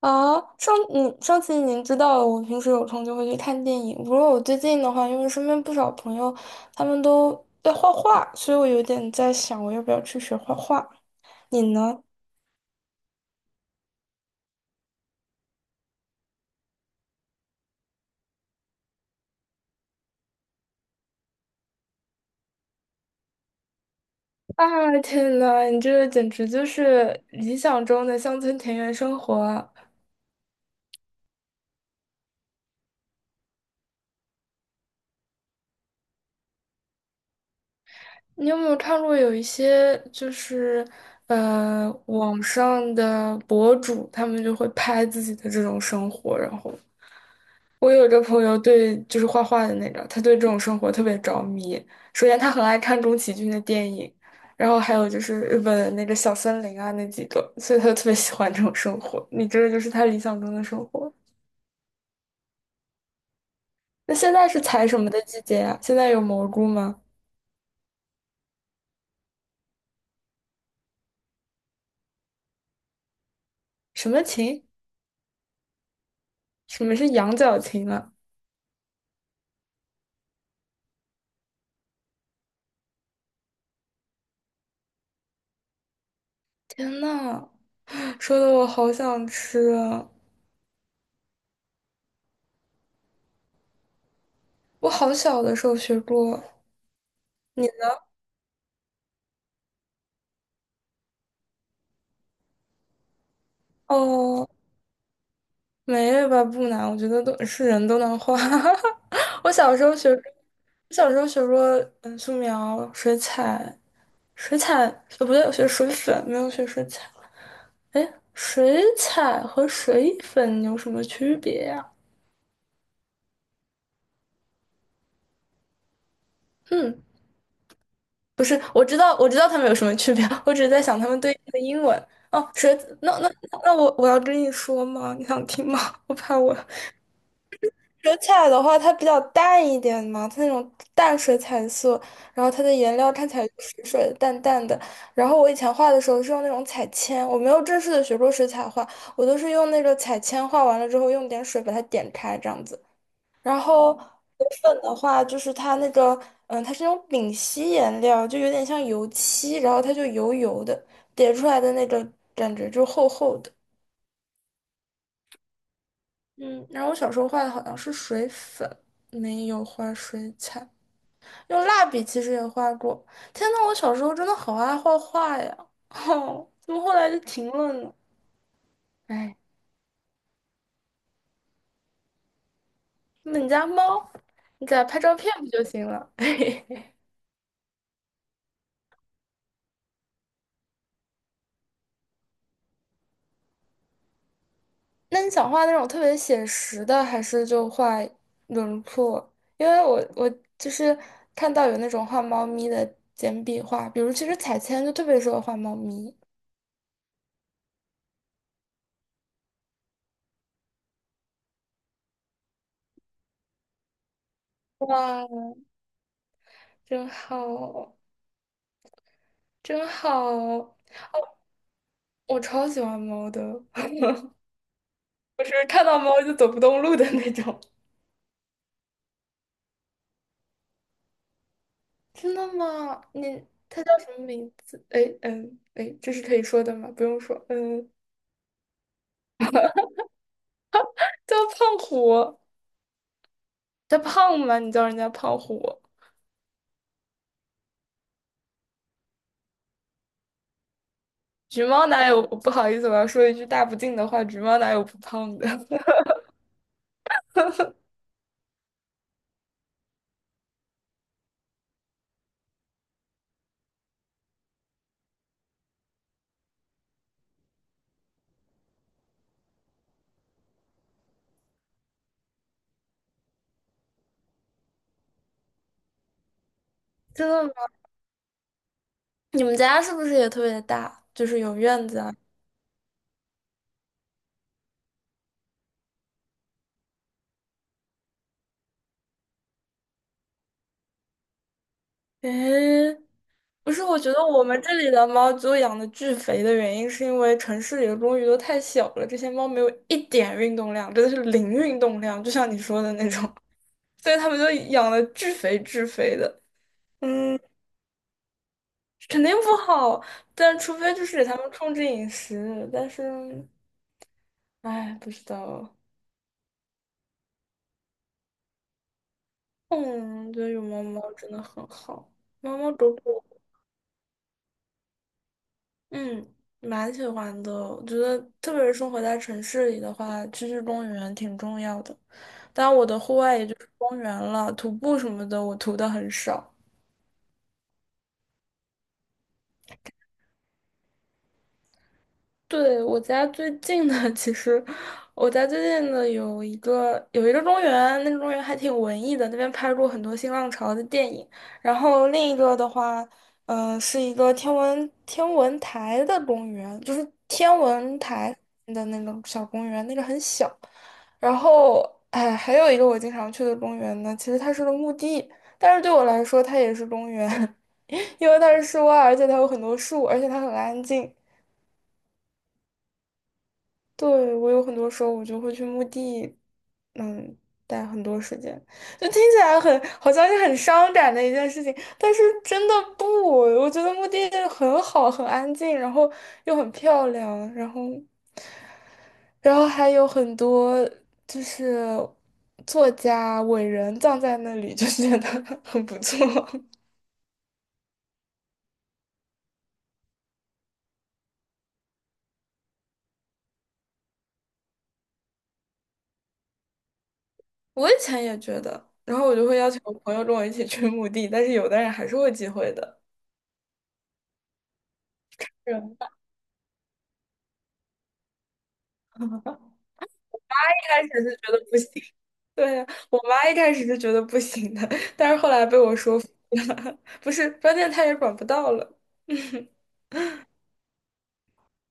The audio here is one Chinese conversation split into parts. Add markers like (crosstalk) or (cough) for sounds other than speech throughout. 啊，你上次您知道我平时有空就会去看电影。不过我最近的话，因为身边不少朋友他们都在画画，所以我有点在想，我要不要去学画画？你呢？啊，天呐，你这个简直就是理想中的乡村田园生活啊！你有没有看过有一些就是网上的博主，他们就会拍自己的这种生活，然后我有一个朋友对，就是画画的那个，他对这种生活特别着迷。首先，他很爱看宫崎骏的电影，然后还有就是日本的那个小森林啊那几个，所以他就特别喜欢这种生活。你这个就是他理想中的生活。那现在是采什么的季节呀？现在有蘑菇吗？什么芹？什么是羊角芹啊？天呐，说的我好想吃啊！我好小的时候学过，你呢？哦。没吧，不难，我觉得都是人都能画。(laughs) 我小时候学，我小时候学过素描、水彩、水彩，呃，不对，我学水粉，没有学水彩。哎，水彩和水粉有什么区别呀？嗯，不是，我知道，我知道它们有什么区别，(laughs) 我只是在想它们对应的英文。哦，水，那我要跟你说吗？你想听吗？(laughs) 我怕我水彩的话，它比较淡一点嘛，它那种淡水彩色，然后它的颜料看起来就水水的、淡淡的。然后我以前画的时候是用那种彩铅，我没有正式的学过水彩画，我都是用那个彩铅画完了之后，用点水把它点开这样子。然后水粉的话，就是它那个，嗯，它是那种丙烯颜料，就有点像油漆，然后它就油油的，叠出来的那个感觉就厚厚的。嗯，然后我小时候画的好像是水粉，没有画水彩。用蜡笔其实也画过。天呐，我小时候真的好爱画画呀！(laughs) 哦，怎么后来就停了呢？哎，那你家猫，你给它拍照片不就行了？(laughs) 那你想画那种特别写实的，还是就画轮廓？因为我就是看到有那种画猫咪的简笔画，比如其实彩铅就特别适合画猫咪。哇，真好，真好！我超喜欢猫的，(laughs) 我是看到猫就走不动路的那种。真的吗？你他叫什么名字？哎，嗯，哎，这是可以说的吗？不用说，嗯，叫胖虎，他胖吗？你叫人家胖虎，橘猫哪有？不好意思，我要说一句大不敬的话，橘猫哪有不胖的？(laughs) 真的吗？你们家是不是也特别大？就是有院子啊？诶，不是，我觉得我们这里的猫就养的巨肥的原因，是因为城市里的公寓都太小了，这些猫没有一点运动量，真的是零运动量，就像你说的那种。所以他们就养的巨肥巨肥的，嗯，肯定不好，但除非就是给他们控制饮食，但是，哎，不知道，嗯，我觉得有猫猫真的很好，猫猫狗狗，嗯，蛮喜欢的，我觉得特别是生活在城市里的话，去公园挺重要的，但我的户外也就是公园了，徒步什么的我徒的很少。对，我家最近的，(laughs) 其实我家最近的有一个公园，那个公园还挺文艺的，那边拍过很多新浪潮的电影。然后另一个的话，嗯，是一个天文台的公园，就是天文台的那个小公园，那个很小。然后，哎，还有一个我经常去的公园呢，其实它是个墓地，但是对我来说它也是公园，(laughs) 因为它是室外，而且它有很多树，而且它很安静。对，我有很多时候我就会去墓地，嗯，待很多时间，就听起来很好像是很伤感的一件事情，但是真的不，我觉得墓地很好，很安静，然后又很漂亮，然后，然后还有很多就是作家伟人葬在那里，就觉得很不错。(laughs) 我以前也觉得，然后我就会邀请我朋友跟我一起去墓地，但是有的人还是会忌讳的。(laughs) 是开始是觉得不行，(laughs) 对呀，我妈一开始是觉得不行的，(laughs) 但是后来被我说服了，(laughs) 不是，关键她也管不到了。(laughs)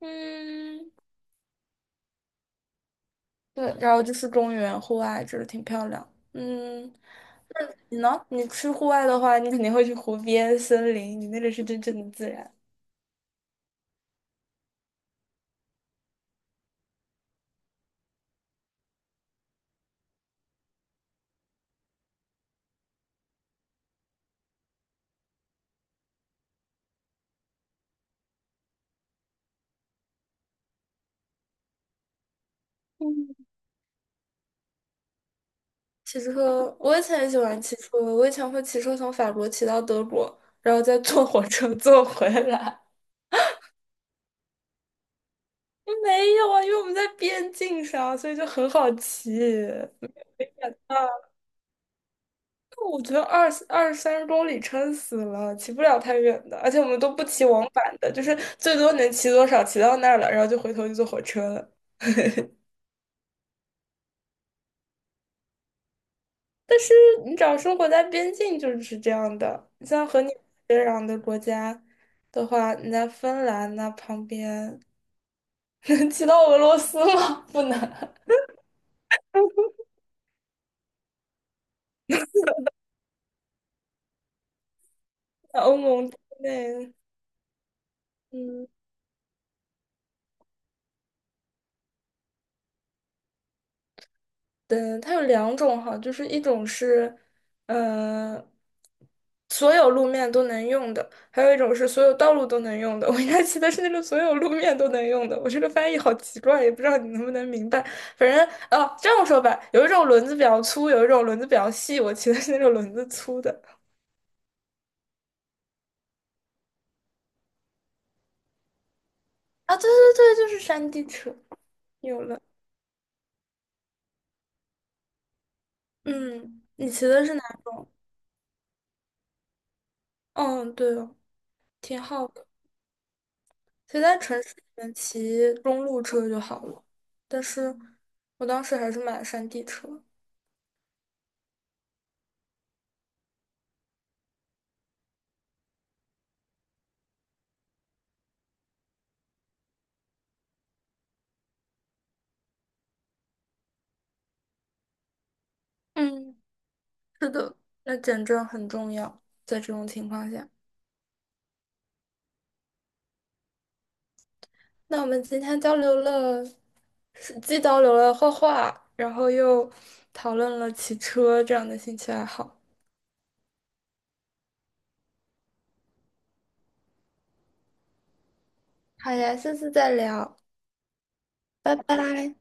嗯，对，然后就是公园、户外，就是挺漂亮。嗯，你呢？你去户外的话，你肯定会去湖边、森林，你那里是真正的自然。嗯，骑车，我以前也喜欢骑车，我以前会骑车从法国骑到德国，然后再坐火车 (laughs) 坐回来。(laughs) 没有啊，因为我们在边境上，所以就很好骑。啊，我觉得二三十公里撑死了，骑不了太远的，而且我们都不骑往返的，就是最多能骑多少，骑到那儿了，然后就回头就坐火车了。就你只要生活在边境，就是这样的。你像和你接壤的国家的话，你在芬兰那旁边 (laughs) 能骑到俄罗斯吗？(laughs) 不能，在欧盟之内，嗯。对，它有两种哈，就是一种是，呃，所有路面都能用的，还有一种是所有道路都能用的。(laughs) 我应该骑的是那个所有路面都能用的。我这个翻译好奇怪，也不知道你能不能明白。反正哦，这样说吧，有一种轮子比较粗，有一种轮子比较细。我骑的是那种轮子粗的。啊，对，就是山地车。有了，嗯，你骑的是哪？嗯，对哦，挺好的。其实在城市里面骑公路车就好了，但是我当时还是买了山地车。嗯，是的，那减震很重要，在这种情况下。那我们今天交流了，是既交流了画画，然后又讨论了骑车这样的兴趣爱好。好呀，下次再聊，拜拜。